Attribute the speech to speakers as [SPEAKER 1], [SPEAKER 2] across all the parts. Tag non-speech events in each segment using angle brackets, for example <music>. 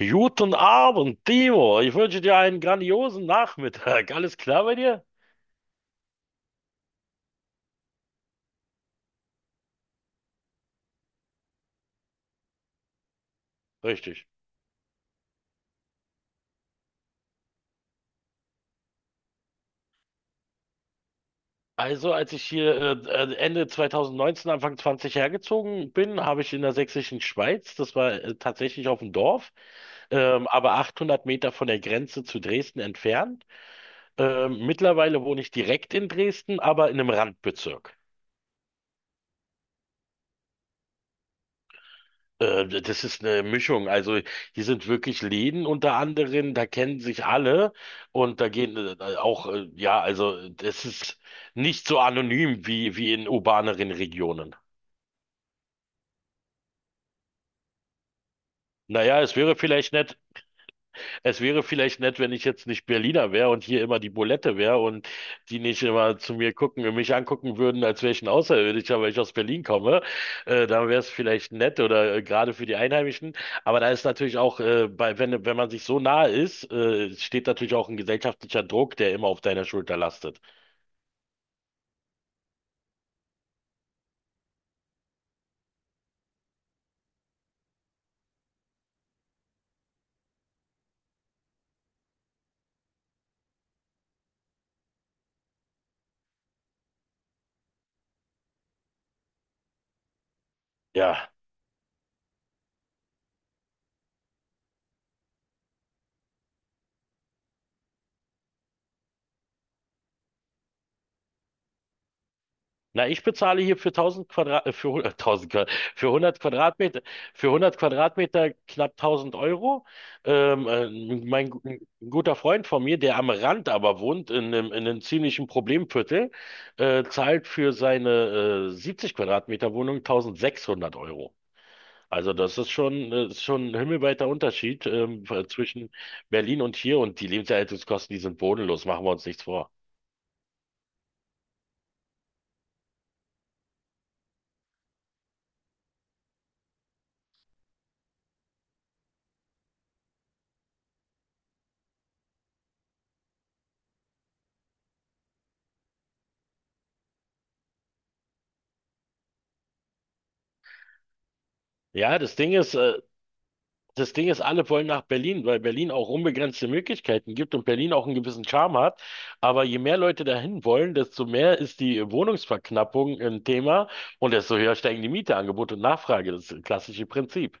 [SPEAKER 1] Guten Abend, Timo. Ich wünsche dir einen grandiosen Nachmittag. Alles klar bei dir? Richtig. Also, als ich hier Ende 2019, Anfang 20 hergezogen bin, habe ich in der sächsischen Schweiz, das war tatsächlich auf dem Dorf, aber 800 Meter von der Grenze zu Dresden entfernt. Mittlerweile wohne ich direkt in Dresden, aber in einem Randbezirk. Das ist eine Mischung. Also hier sind wirklich Läden unter anderem, da kennen sich alle und da gehen auch, ja, also das ist nicht so anonym wie in urbaneren Regionen. Naja, es wäre vielleicht nett, wenn ich jetzt nicht Berliner wäre und hier immer die Bulette wäre und die nicht immer zu mir gucken und mich angucken würden, als wäre ich ein Außerirdischer, weil ich aus Berlin komme. Da wäre es vielleicht nett oder gerade für die Einheimischen. Aber da ist natürlich auch, wenn man sich so nah ist, steht natürlich auch ein gesellschaftlicher Druck, der immer auf deiner Schulter lastet. Ja. Na, ich bezahle hier für 1000 Quadrat, für 100, 1000 Quadrat, <laughs> für 100 Quadratmeter, knapp 1000 Euro. Ähm, äh, ein guter Freund von mir, der am Rand aber wohnt, in einem ziemlichen Problemviertel, zahlt für seine, 70 Quadratmeter Wohnung 1600 Euro. Also das ist schon ein himmelweiter Unterschied, zwischen Berlin und hier, und die Lebenserhaltungskosten, die sind bodenlos, machen wir uns nichts vor. Ja, das Ding ist, alle wollen nach Berlin, weil Berlin auch unbegrenzte Möglichkeiten gibt und Berlin auch einen gewissen Charme hat. Aber je mehr Leute dahin wollen, desto mehr ist die Wohnungsverknappung ein Thema und desto höher steigen die Miete, Angebot und Nachfrage, das klassische Prinzip.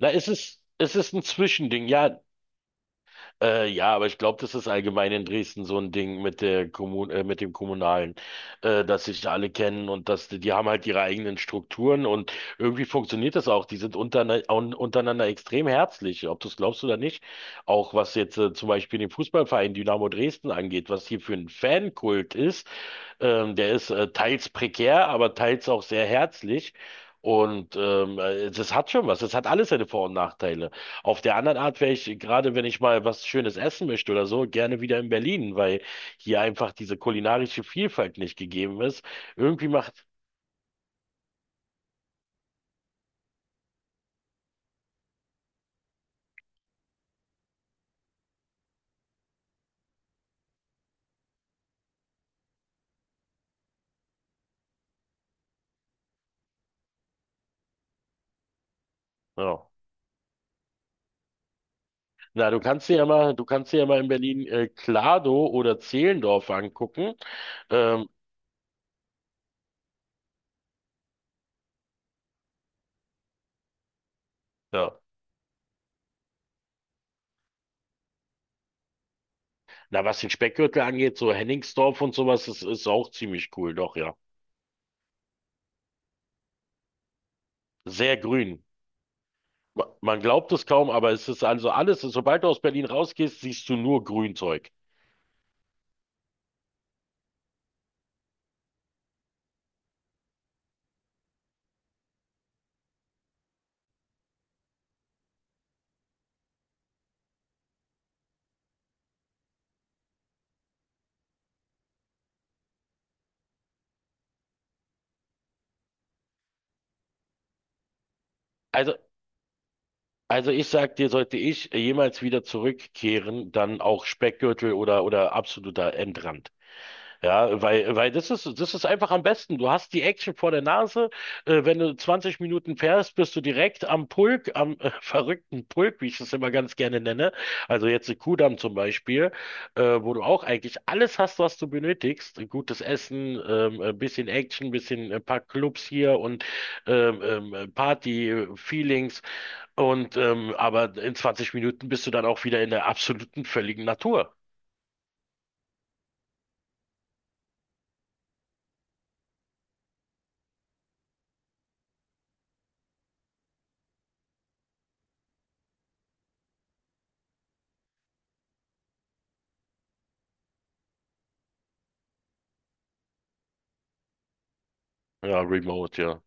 [SPEAKER 1] Na, es ist ein Zwischending. Ja. Ja, aber ich glaube, das ist allgemein in Dresden so ein Ding mit der Kommun mit dem Kommunalen, dass sich alle kennen und dass die haben halt ihre eigenen Strukturen und irgendwie funktioniert das auch. Die sind unterne un untereinander extrem herzlich, ob du es glaubst oder nicht. Auch was jetzt zum Beispiel den Fußballverein Dynamo Dresden angeht, was hier für ein Fankult ist. Der ist teils prekär, aber teils auch sehr herzlich. Und das hat schon was. Das hat alles seine Vor- und Nachteile. Auf der anderen Art wäre ich, gerade wenn ich mal was Schönes essen möchte oder so, gerne wieder in Berlin, weil hier einfach diese kulinarische Vielfalt nicht gegeben ist. Irgendwie macht, ja. Na, du kannst dir ja mal in Berlin Klado oder Zehlendorf angucken. Ähm, ja. Na, was den Speckgürtel angeht, so Hennigsdorf und sowas, das ist auch ziemlich cool, doch, ja. Sehr grün. Man glaubt es kaum, aber es ist also alles, sobald du aus Berlin rausgehst, siehst du nur Grünzeug. Also, also ich sag dir, sollte ich jemals wieder zurückkehren, dann auch Speckgürtel oder absoluter Endrand. Ja, weil, das ist einfach am besten. Du hast die Action vor der Nase. Wenn du 20 Minuten fährst, bist du direkt am Pulk, am <laughs> verrückten Pulk, wie ich das immer ganz gerne nenne. Also jetzt in Kudamm zum Beispiel, wo du auch eigentlich alles hast, was du benötigst. Gutes Essen, ein bisschen Action, bisschen ein paar Clubs hier und Party-Feelings. Und aber in 20 Minuten bist du dann auch wieder in der absoluten völligen Natur. Ja, remote, ja.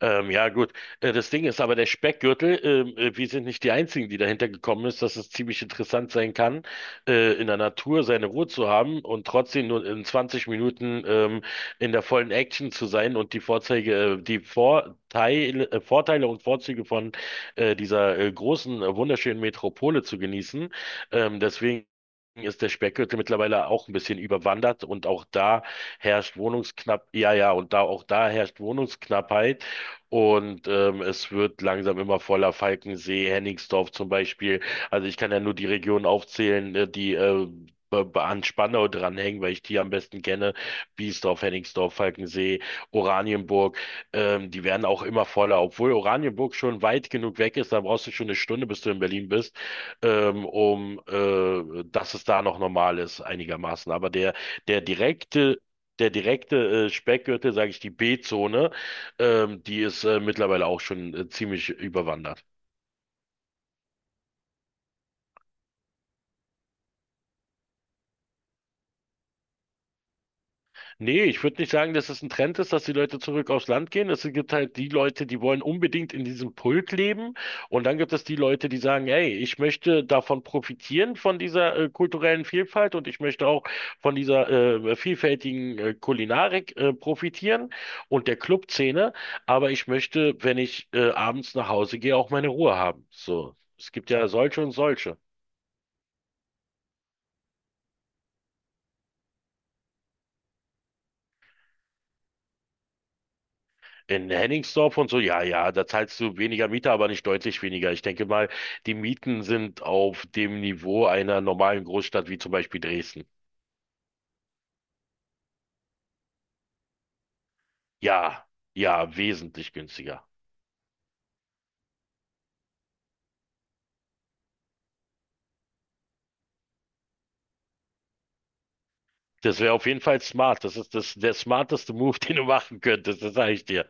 [SPEAKER 1] Ja, gut. Das Ding ist aber der Speckgürtel, wir sind nicht die Einzigen, die dahinter gekommen ist, dass es ziemlich interessant sein kann, in der Natur seine Ruhe zu haben und trotzdem nur in 20 Minuten in der vollen Action zu sein und die Vorzeige, die Vorteile, Vorteile und Vorzüge von dieser großen, wunderschönen Metropole zu genießen. Deswegen ist der Speckgürtel mittlerweile auch ein bisschen überwandert, und auch da herrscht ja, ja, und da auch da herrscht Wohnungsknappheit, und es wird langsam immer voller. Falkensee, Hennigsdorf zum Beispiel. Also ich kann ja nur die Regionen aufzählen, die an Spandau dranhängen, weil ich die am besten kenne. Biesdorf, Hennigsdorf, Falkensee, Oranienburg. Die werden auch immer voller, obwohl Oranienburg schon weit genug weg ist. Da brauchst du schon eine Stunde, bis du in Berlin bist, um dass es da noch normal ist, einigermaßen. Aber der direkte der direkte Speckgürtel, sage ich, die B-Zone, die ist mittlerweile auch schon ziemlich überwandert. Nee, ich würde nicht sagen, dass es ein Trend ist, dass die Leute zurück aufs Land gehen. Es gibt halt die Leute, die wollen unbedingt in diesem Pulk leben. Und dann gibt es die Leute, die sagen, ey, ich möchte davon profitieren, von dieser kulturellen Vielfalt, und ich möchte auch von dieser vielfältigen Kulinarik profitieren und der Clubszene. Aber ich möchte, wenn ich abends nach Hause gehe, auch meine Ruhe haben. So, es gibt ja solche und solche. In Hennigsdorf und so, ja, ja, da zahlst du weniger Miete, aber nicht deutlich weniger. Ich denke mal, die Mieten sind auf dem Niveau einer normalen Großstadt wie zum Beispiel Dresden. Ja, ja, wesentlich günstiger. Das wäre auf jeden Fall smart. Das ist das, der smarteste Move, <laughs> den du machen könntest, das sage ich dir.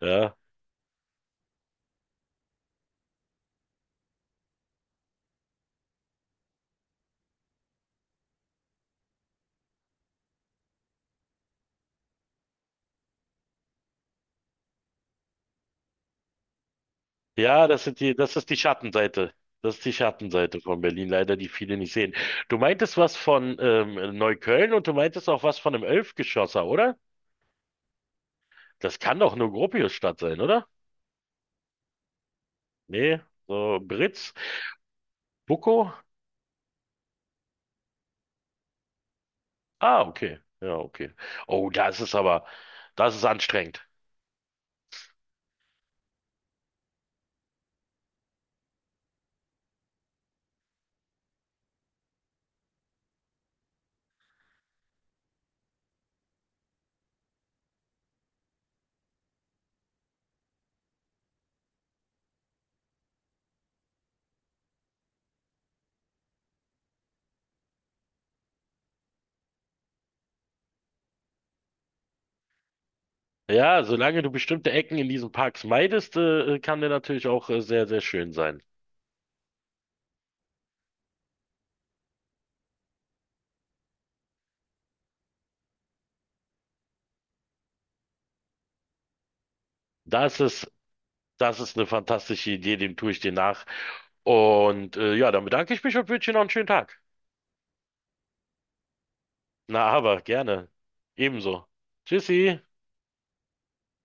[SPEAKER 1] Ja, ja, das ist die Schattenseite. Das ist die Schattenseite von Berlin, leider, die viele nicht sehen. Du meintest was von Neukölln, und du meintest auch was von einem Elfgeschosser, oder? Das kann doch nur Gropiusstadt sein, oder? Nee, so Britz, Buko. Ah, okay. Ja, okay. Oh, das ist anstrengend. Ja, solange du bestimmte Ecken in diesen Parks meidest, kann der natürlich auch sehr, sehr schön sein. Das ist, Das ist eine fantastische Idee, dem tue ich dir nach. Und ja, dann bedanke ich mich und wünsche dir noch einen schönen Tag. Na, aber gerne. Ebenso. Tschüssi.